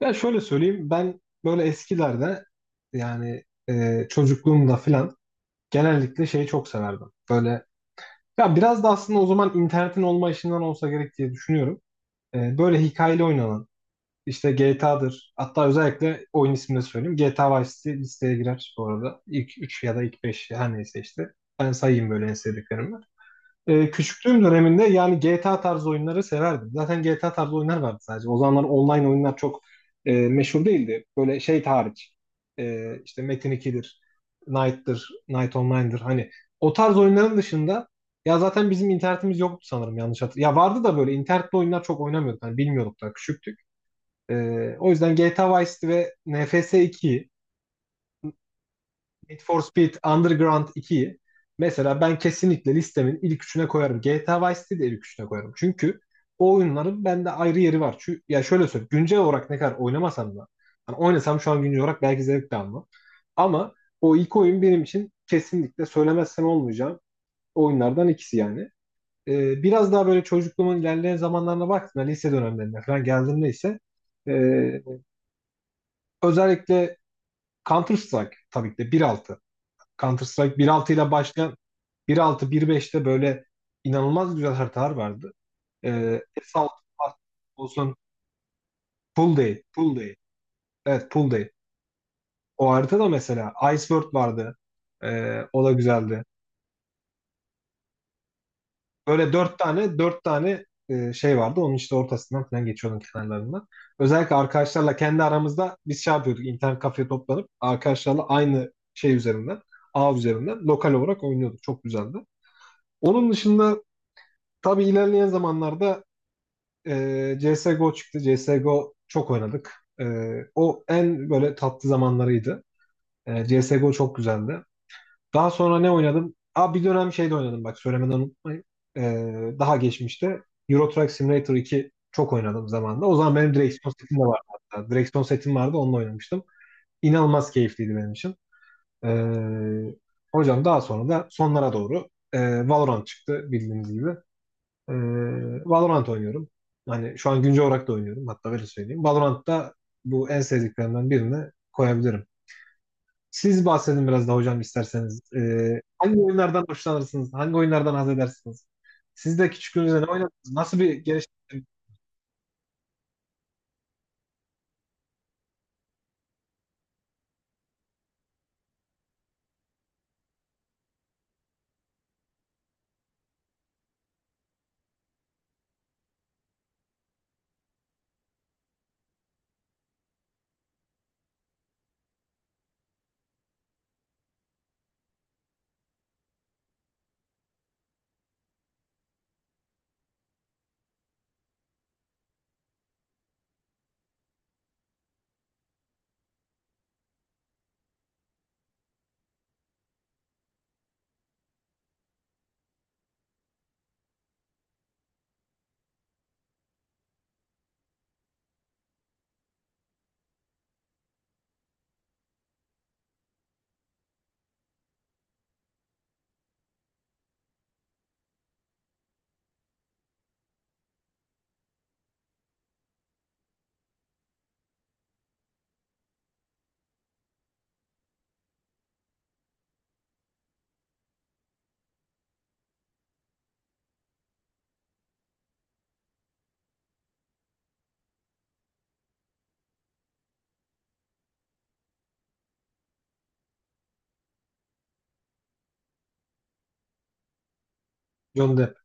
Ya şöyle söyleyeyim ben böyle eskilerde yani çocukluğumda filan genellikle şeyi çok severdim. Böyle ya biraz da aslında o zaman internetin olma işinden olsa gerek diye düşünüyorum. Böyle hikayeli oynanan işte GTA'dır, hatta özellikle oyun ismini de söyleyeyim. GTA Vice City listeye girer bu arada. İlk 3 ya da ilk 5 her neyse işte. Ben sayayım böyle en sevdiklerimi. Küçüklüğüm döneminde yani GTA tarzı oyunları severdim. Zaten GTA tarzı oyunlar vardı sadece. O zamanlar online oyunlar çok meşhur değildi. Böyle şey hariç. E, işte Metin 2'dir, Knight'tır, Knight Online'dır. Hani o tarz oyunların dışında ya zaten bizim internetimiz yoktu, sanırım yanlış hatırlıyorum. Ya vardı da böyle internetli oyunlar çok oynamıyorduk. Hani bilmiyorduk da, küçüktük. E, o yüzden GTA Vice'di ve NFS 2'yi, Need for Speed Underground 2'yi mesela ben kesinlikle listemin ilk üçüne koyarım. GTA Vice City'yi de ilk üçüne koyarım. Çünkü o oyunların bende ayrı yeri var. Çünkü, ya şöyle söyleyeyim, güncel olarak ne kadar oynamasam da, hani oynasam şu an güncel olarak belki zevk de almam. Ama o ilk oyun benim için kesinlikle söylemezsem olmayacağım oyunlardan ikisi yani. Biraz daha böyle çocukluğumun ilerleyen zamanlarına baktığımda, lise dönemlerine falan geldiğimde ise e, özellikle Counter Strike, tabii ki de 1.6, Counter Strike bir altı ile başlayan 1.6 1.5'te böyle inanılmaz güzel haritalar vardı. S6 olsun, Pool Day, Pool Day. Evet, Pool Day. O harita da, mesela Ice World vardı. O da güzeldi. Böyle dört tane dört tane şey vardı. Onun işte ortasından falan geçiyordum, kenarlarından. Özellikle arkadaşlarla kendi aramızda biz şey yapıyorduk. İnternet kafeye toplanıp arkadaşlarla aynı şey üzerinden, ağ üzerinden lokal olarak oynuyorduk. Çok güzeldi. Onun dışında, tabii, ilerleyen zamanlarda CSGO çıktı. CSGO çok oynadık. E, o en böyle tatlı zamanlarıydı. CSGO çok güzeldi. Daha sonra ne oynadım? Aa, bir dönem şey de oynadım, bak söylemeden unutmayın. E, daha geçmişte Euro Truck Simulator 2 çok oynadım zamanında. O zaman benim direksiyon setim de vardı hatta. Direksiyon setim vardı, onunla oynamıştım. İnanılmaz keyifliydi benim için. E, hocam daha sonra da sonlara doğru Valorant çıktı, bildiğiniz gibi. Ee, Valorant oynuyorum. Hani şu an güncel olarak da oynuyorum. Hatta öyle söyleyeyim, Valorant'ta bu en sevdiklerimden birini koyabilirim. Siz bahsedin biraz da hocam, isterseniz. Hangi oyunlardan hoşlanırsınız? Hangi oyunlardan haz edersiniz? Siz de küçüklüğünüzde ne oynadınız? Nasıl bir gelişim? John Depp?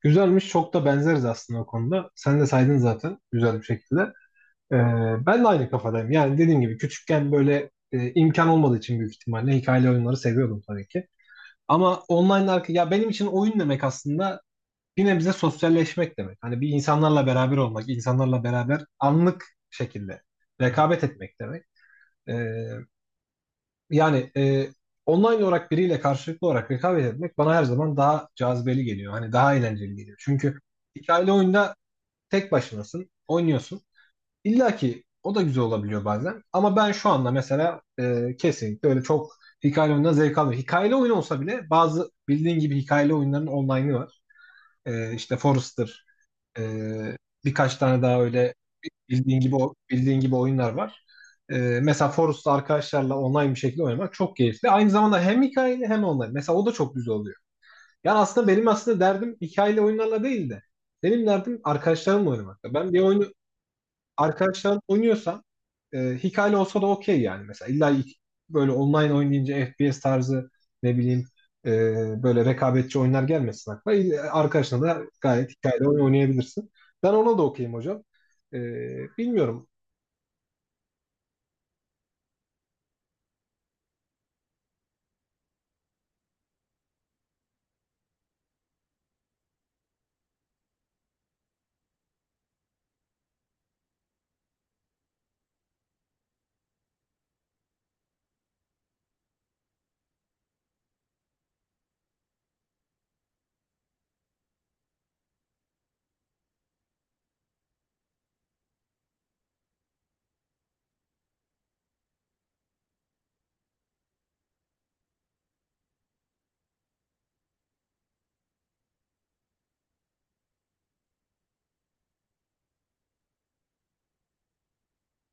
Güzelmiş. Çok da benzeriz aslında o konuda. Sen de saydın zaten güzel bir şekilde. Ee, ben de aynı kafadayım. Yani dediğim gibi küçükken böyle imkan olmadığı için büyük ihtimalle hikayeli oyunları seviyordum tabii ki. Ama online arka, ya benim için oyun demek aslında bir nebze sosyalleşmek demek. Hani bir insanlarla beraber olmak, insanlarla beraber anlık şekilde rekabet etmek demek. Ee, yani online olarak biriyle karşılıklı olarak rekabet etmek bana her zaman daha cazibeli geliyor. Hani daha eğlenceli geliyor. Çünkü hikayeli oyunda tek başınasın, oynuyorsun. İlla ki o da güzel olabiliyor bazen. Ama ben şu anda mesela kesinlikle öyle çok hikayeli oyundan zevk almıyorum. Hikayeli oyun olsa bile, bazı bildiğin gibi hikayeli oyunların online'ı var. E, işte Forrester, e, birkaç tane daha öyle bildiğin gibi bildiğin gibi oyunlar var. E, mesela Forrester arkadaşlarla online bir şekilde oynamak çok keyifli. Aynı zamanda hem hikayeli hem online. Mesela o da çok güzel oluyor. Yani aslında benim aslında derdim hikayeli oyunlarla değil de, benim derdim arkadaşlarımla oynamakta. Ben bir oyunu arkadaşlar oynuyorsam hikayeli olsa da okey yani. Mesela, illa böyle online oynayınca FPS tarzı, ne bileyim, e, böyle rekabetçi oyunlar gelmesin aklına. İyi, arkadaşına da gayet hikayeli oyun oynayabilirsin. Ben ona da okeyim hocam. E, bilmiyorum.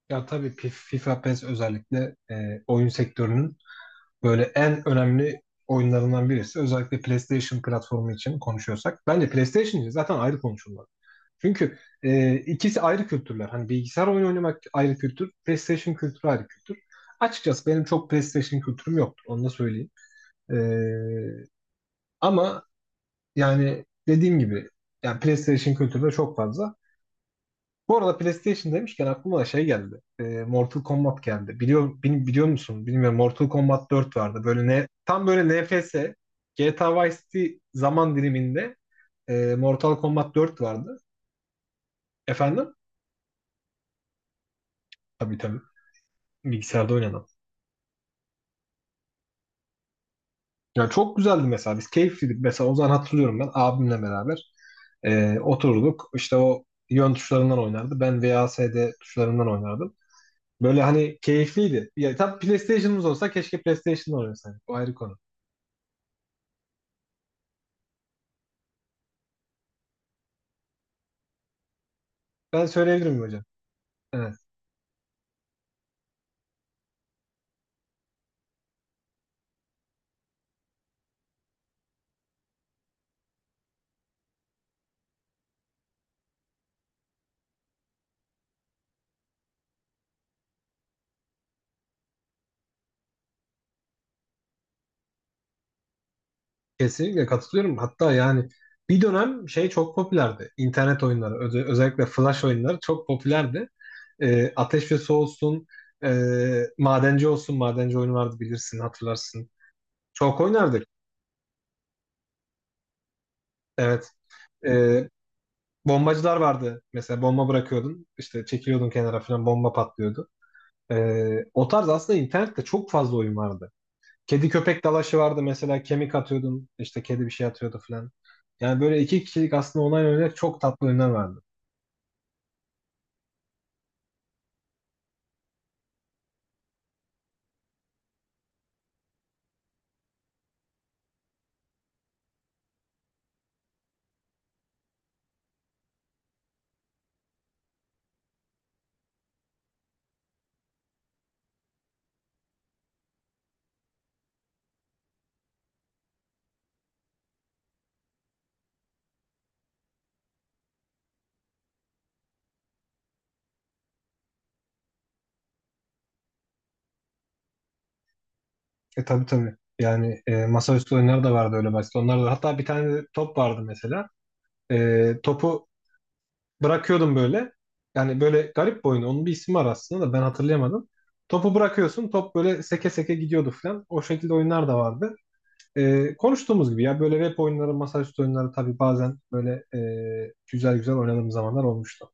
Ya tabii, FIFA PES özellikle oyun sektörünün böyle en önemli oyunlarından birisi. Özellikle PlayStation platformu için konuşuyorsak. Bence PlayStation için zaten ayrı konuşulmaz. Çünkü ikisi ayrı kültürler. Hani bilgisayar oyunu oynamak ayrı kültür, PlayStation kültürü ayrı kültür. Açıkçası benim çok PlayStation kültürüm yoktur, onu da söyleyeyim. E, ama yani dediğim gibi, yani PlayStation kültürü de çok fazla. Bu arada PlayStation demişken aklıma da şey geldi. Mortal Kombat geldi. Biliyor musun? Bilmiyorum. Mortal Kombat 4 vardı. Böyle ne, tam böyle NFS GTA Vice City zaman diliminde Mortal Kombat 4 vardı. Efendim? Tabii tabii, bilgisayarda oynanan. Ya çok güzeldi mesela, biz keyifliydik. Mesela o zaman hatırlıyorum, ben abimle beraber oturduk. İşte o yön tuşlarından oynardı, ben VASD tuşlarından oynardım. Böyle hani keyifliydi. Ya tam PlayStation'ımız olsa, keşke PlayStation'da oynasaydık. O ayrı konu. Ben söyleyebilirim hocam. Evet. Kesinlikle katılıyorum. Hatta yani bir dönem şey çok popülerdi. İnternet oyunları, özellikle flash oyunları çok popülerdi. Ateş ve Su olsun, e, Madenci olsun. Madenci oyunu vardı, bilirsin, hatırlarsın. Çok oynardık. Evet. Ee, bombacılar vardı. Mesela bomba bırakıyordun, işte çekiliyordun kenara falan, bomba patlıyordu. O tarz aslında internette çok fazla oyun vardı. Kedi köpek dalaşı vardı, mesela kemik atıyordun, işte kedi bir şey atıyordu falan. Yani böyle iki kişilik aslında online oynayacak çok tatlı oyunlar vardı. Tabii tabii. Yani masaüstü oyunları da vardı öyle basit. Onlar da, hatta bir tane de top vardı mesela. Topu bırakıyordum böyle. Yani böyle garip bir oyunu, onun bir ismi var aslında, da ben hatırlayamadım. Topu bırakıyorsun, top böyle seke seke gidiyordu falan. O şekilde oyunlar da vardı. Konuştuğumuz gibi, ya böyle web oyunları, masaüstü oyunları, tabii bazen böyle güzel güzel oynadığım zamanlar olmuştu.